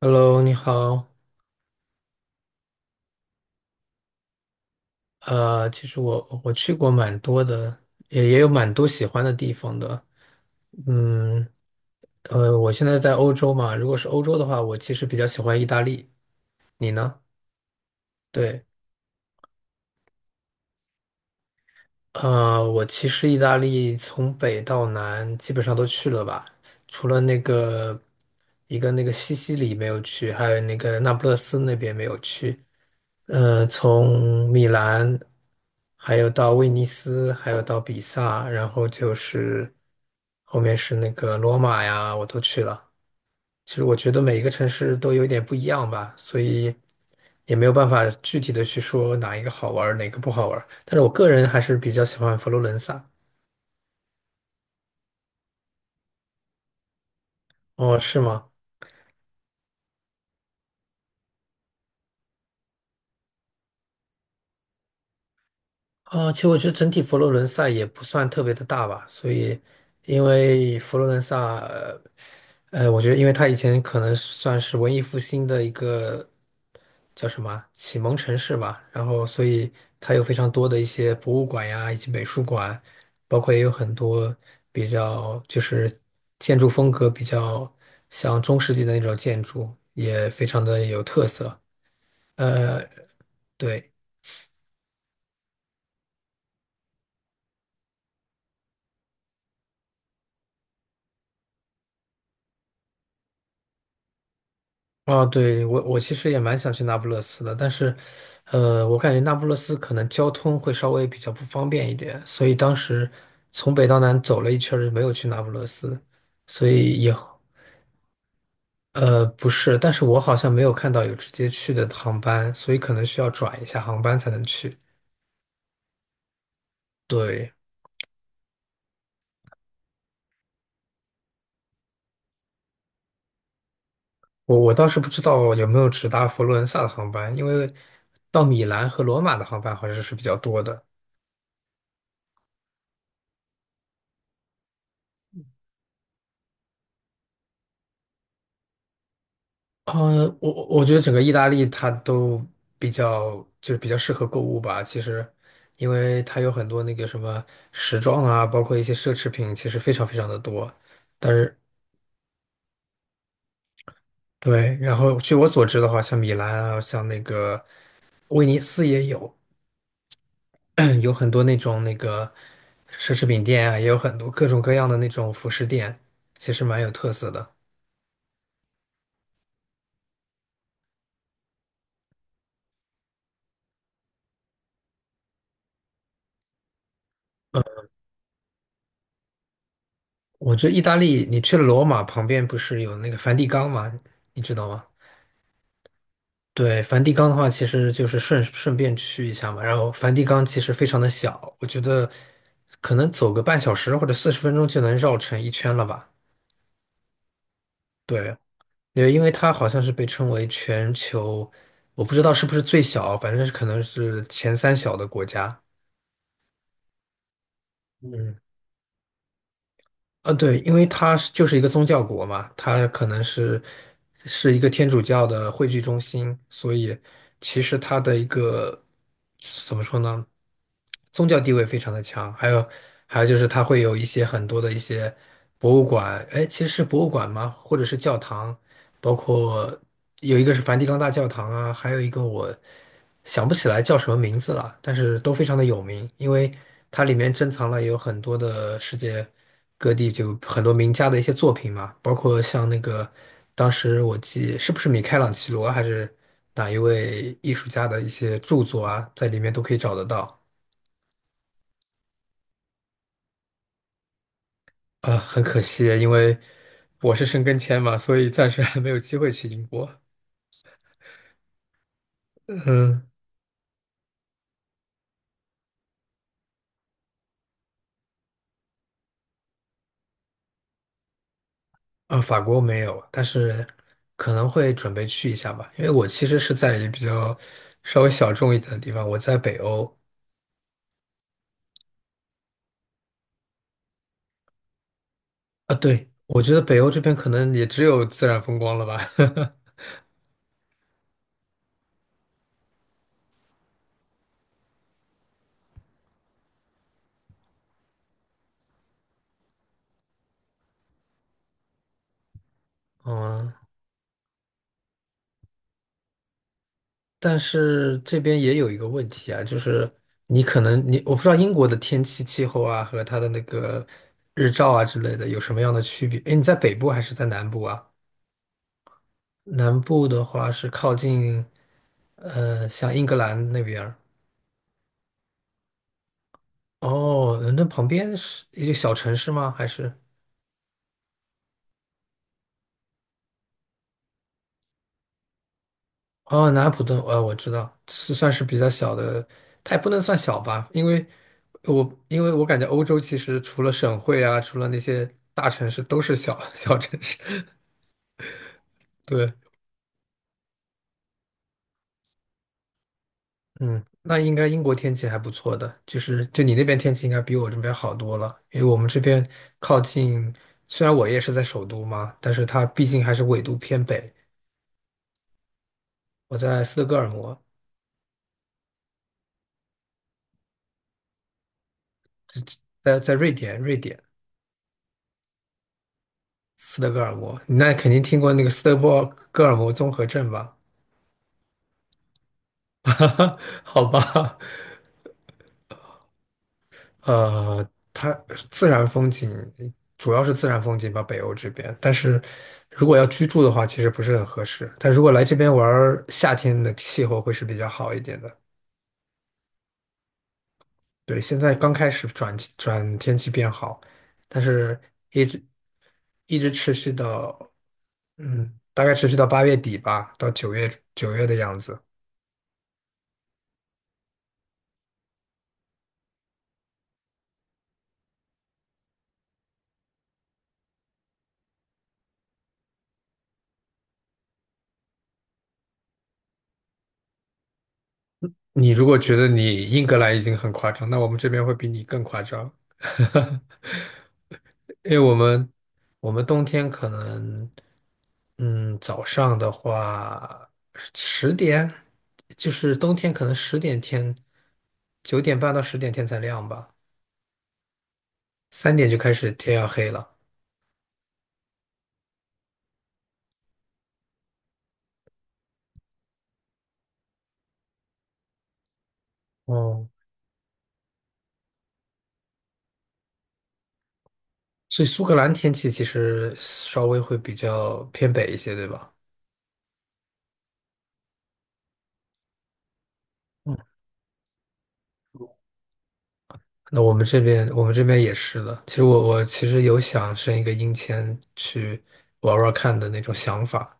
Hello，你好。其实我去过蛮多的，也有蛮多喜欢的地方的。嗯，我现在在欧洲嘛，如果是欧洲的话，我其实比较喜欢意大利。你呢？对，我其实意大利从北到南基本上都去了吧，除了那个一个那个西西里没有去，还有那个那不勒斯那边没有去。从米兰，还有到威尼斯，还有到比萨，然后就是后面是那个罗马呀，我都去了。其实我觉得每一个城市都有一点不一样吧，所以也没有办法具体的去说哪一个好玩儿，哪个不好玩儿。但是我个人还是比较喜欢佛罗伦萨。哦，是吗？啊，其实我觉得整体佛罗伦萨也不算特别的大吧，所以因为佛罗伦萨我觉得因为它以前可能算是文艺复兴的一个叫什么啊启蒙城市吧，然后所以它有非常多的一些博物馆呀，以及美术馆，包括也有很多比较就是建筑风格比较像中世纪的那种建筑，也非常的有特色。对。啊，对，我其实也蛮想去那不勒斯的，但是，我感觉那不勒斯可能交通会稍微比较不方便一点，所以当时从北到南走了一圈儿，没有去那不勒斯，所以也，不是，但是我好像没有看到有直接去的航班，所以可能需要转一下航班才能去。对，我倒是不知道有没有直达佛罗伦萨的航班，因为到米兰和罗马的航班好像是比较多的。嗯，我觉得整个意大利它都比较就是比较适合购物吧。其实，因为它有很多那个什么时装啊，包括一些奢侈品，其实非常非常的多。但是对，然后据我所知的话，像米兰啊，像那个威尼斯也有 有很多那种那个奢侈品店啊，也有很多各种各样的那种服饰店，其实蛮有特色的。我觉得意大利，你去了罗马旁边不是有那个梵蒂冈吗？你知道吗？对，梵蒂冈的话，其实就是顺顺便去一下嘛。然后梵蒂冈其实非常的小，我觉得可能走个半小时或者40分钟就能绕成一圈了吧。对，对，因为它好像是被称为全球，我不知道是不是最小，反正是可能是前三小的国家。嗯。对，因为它是就是一个宗教国嘛，它可能是一个天主教的汇聚中心，所以其实它的一个怎么说呢，宗教地位非常的强。还有就是它会有一些很多的一些博物馆，哎，其实是博物馆吗？或者是教堂，包括有一个是梵蒂冈大教堂啊，还有一个我想不起来叫什么名字了，但是都非常的有名，因为它里面珍藏了有很多的世界。各地就很多名家的一些作品嘛，包括像那个当时我记是不是米开朗基罗还是哪一位艺术家的一些著作啊，在里面都可以找得到。啊，很可惜，因为我是申根签嘛，所以暂时还没有机会去英国。嗯，啊，法国没有，但是可能会准备去一下吧，因为我其实是在一比较稍微小众一点的地方，我在北欧。啊，对，我觉得北欧这边可能也只有自然风光了吧。嗯。但是这边也有一个问题啊，就是你可能你我不知道英国的天气气候啊和它的那个日照啊之类的有什么样的区别？诶，你在北部还是在南部啊？南部的话是靠近像英格兰那边儿。哦，伦敦旁边是一个小城市吗？还是？哦，南安普顿，我知道是算是比较小的，它也不能算小吧，因为我感觉欧洲其实除了省会啊，除了那些大城市，都是小 小城市。对，嗯，那应该英国天气还不错的，就是就你那边天气应该比我这边好多了，因为我们这边靠近，虽然我也是在首都嘛，但是它毕竟还是纬度偏北，我在斯德哥尔摩，在瑞典斯德哥尔摩，你那肯定听过那个斯德哥尔摩综合症吧？好吧，呃，它自然风景主要是自然风景吧，北欧这边。但是如果要居住的话，其实不是很合适。但如果来这边玩儿，夏天的气候会是比较好一点的。对，现在刚开始转转天气变好，但是一直一直持续到大概持续到8月底吧，到九月的样子。你如果觉得你英格兰已经很夸张，那我们这边会比你更夸张。因为我们冬天可能，早上的话十点，就是冬天可能十点天，9点半到十点天才亮吧，3点就开始天要黑了。哦，所以苏格兰天气其实稍微会比较偏北一些，对吧？嗯，那我们这边也是的。其实我其实有想申一个英签去玩玩看的那种想法。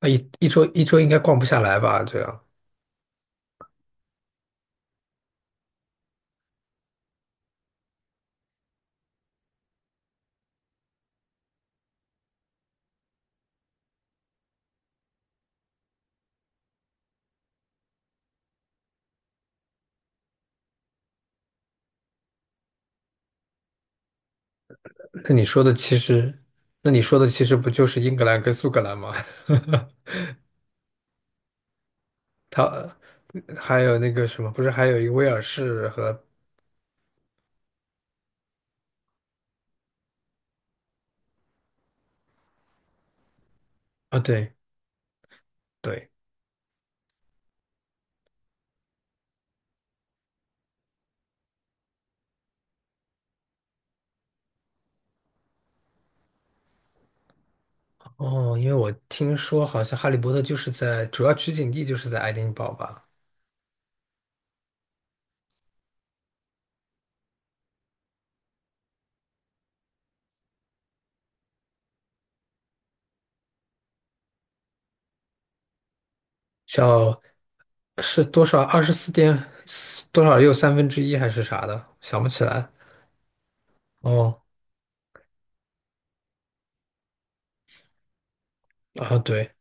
那一一周一周应该逛不下来吧？这样。那你说的其实，那你说的其实不就是英格兰跟苏格兰吗？它还有那个什么，不是还有一个威尔士和啊？对对，哦，因为我听说好像《哈利波特》就是在主要取景地就是在爱丁堡吧？叫是多少？24点多少又1/3还是啥的？想不起来。哦啊，对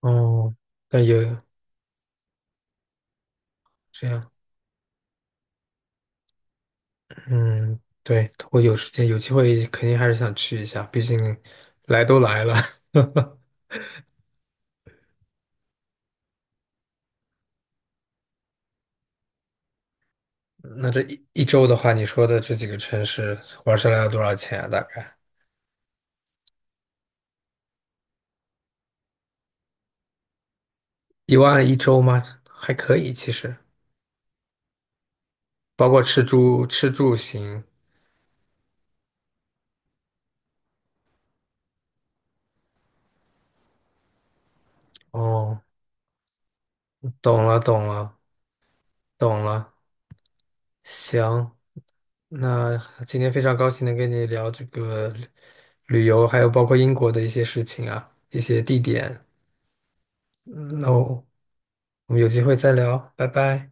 哦，那有这样。嗯，对，我有时间有机会肯定还是想去一下，毕竟来都来了。那这一一周的话，你说的这几个城市玩下来要多少钱啊？大概1万一周吗？还可以，其实包括吃住吃住行。哦，懂了，懂了，懂了。行，那今天非常高兴能跟你聊这个旅游，还有包括英国的一些事情啊，一些地点。那我们有机会再聊，拜拜。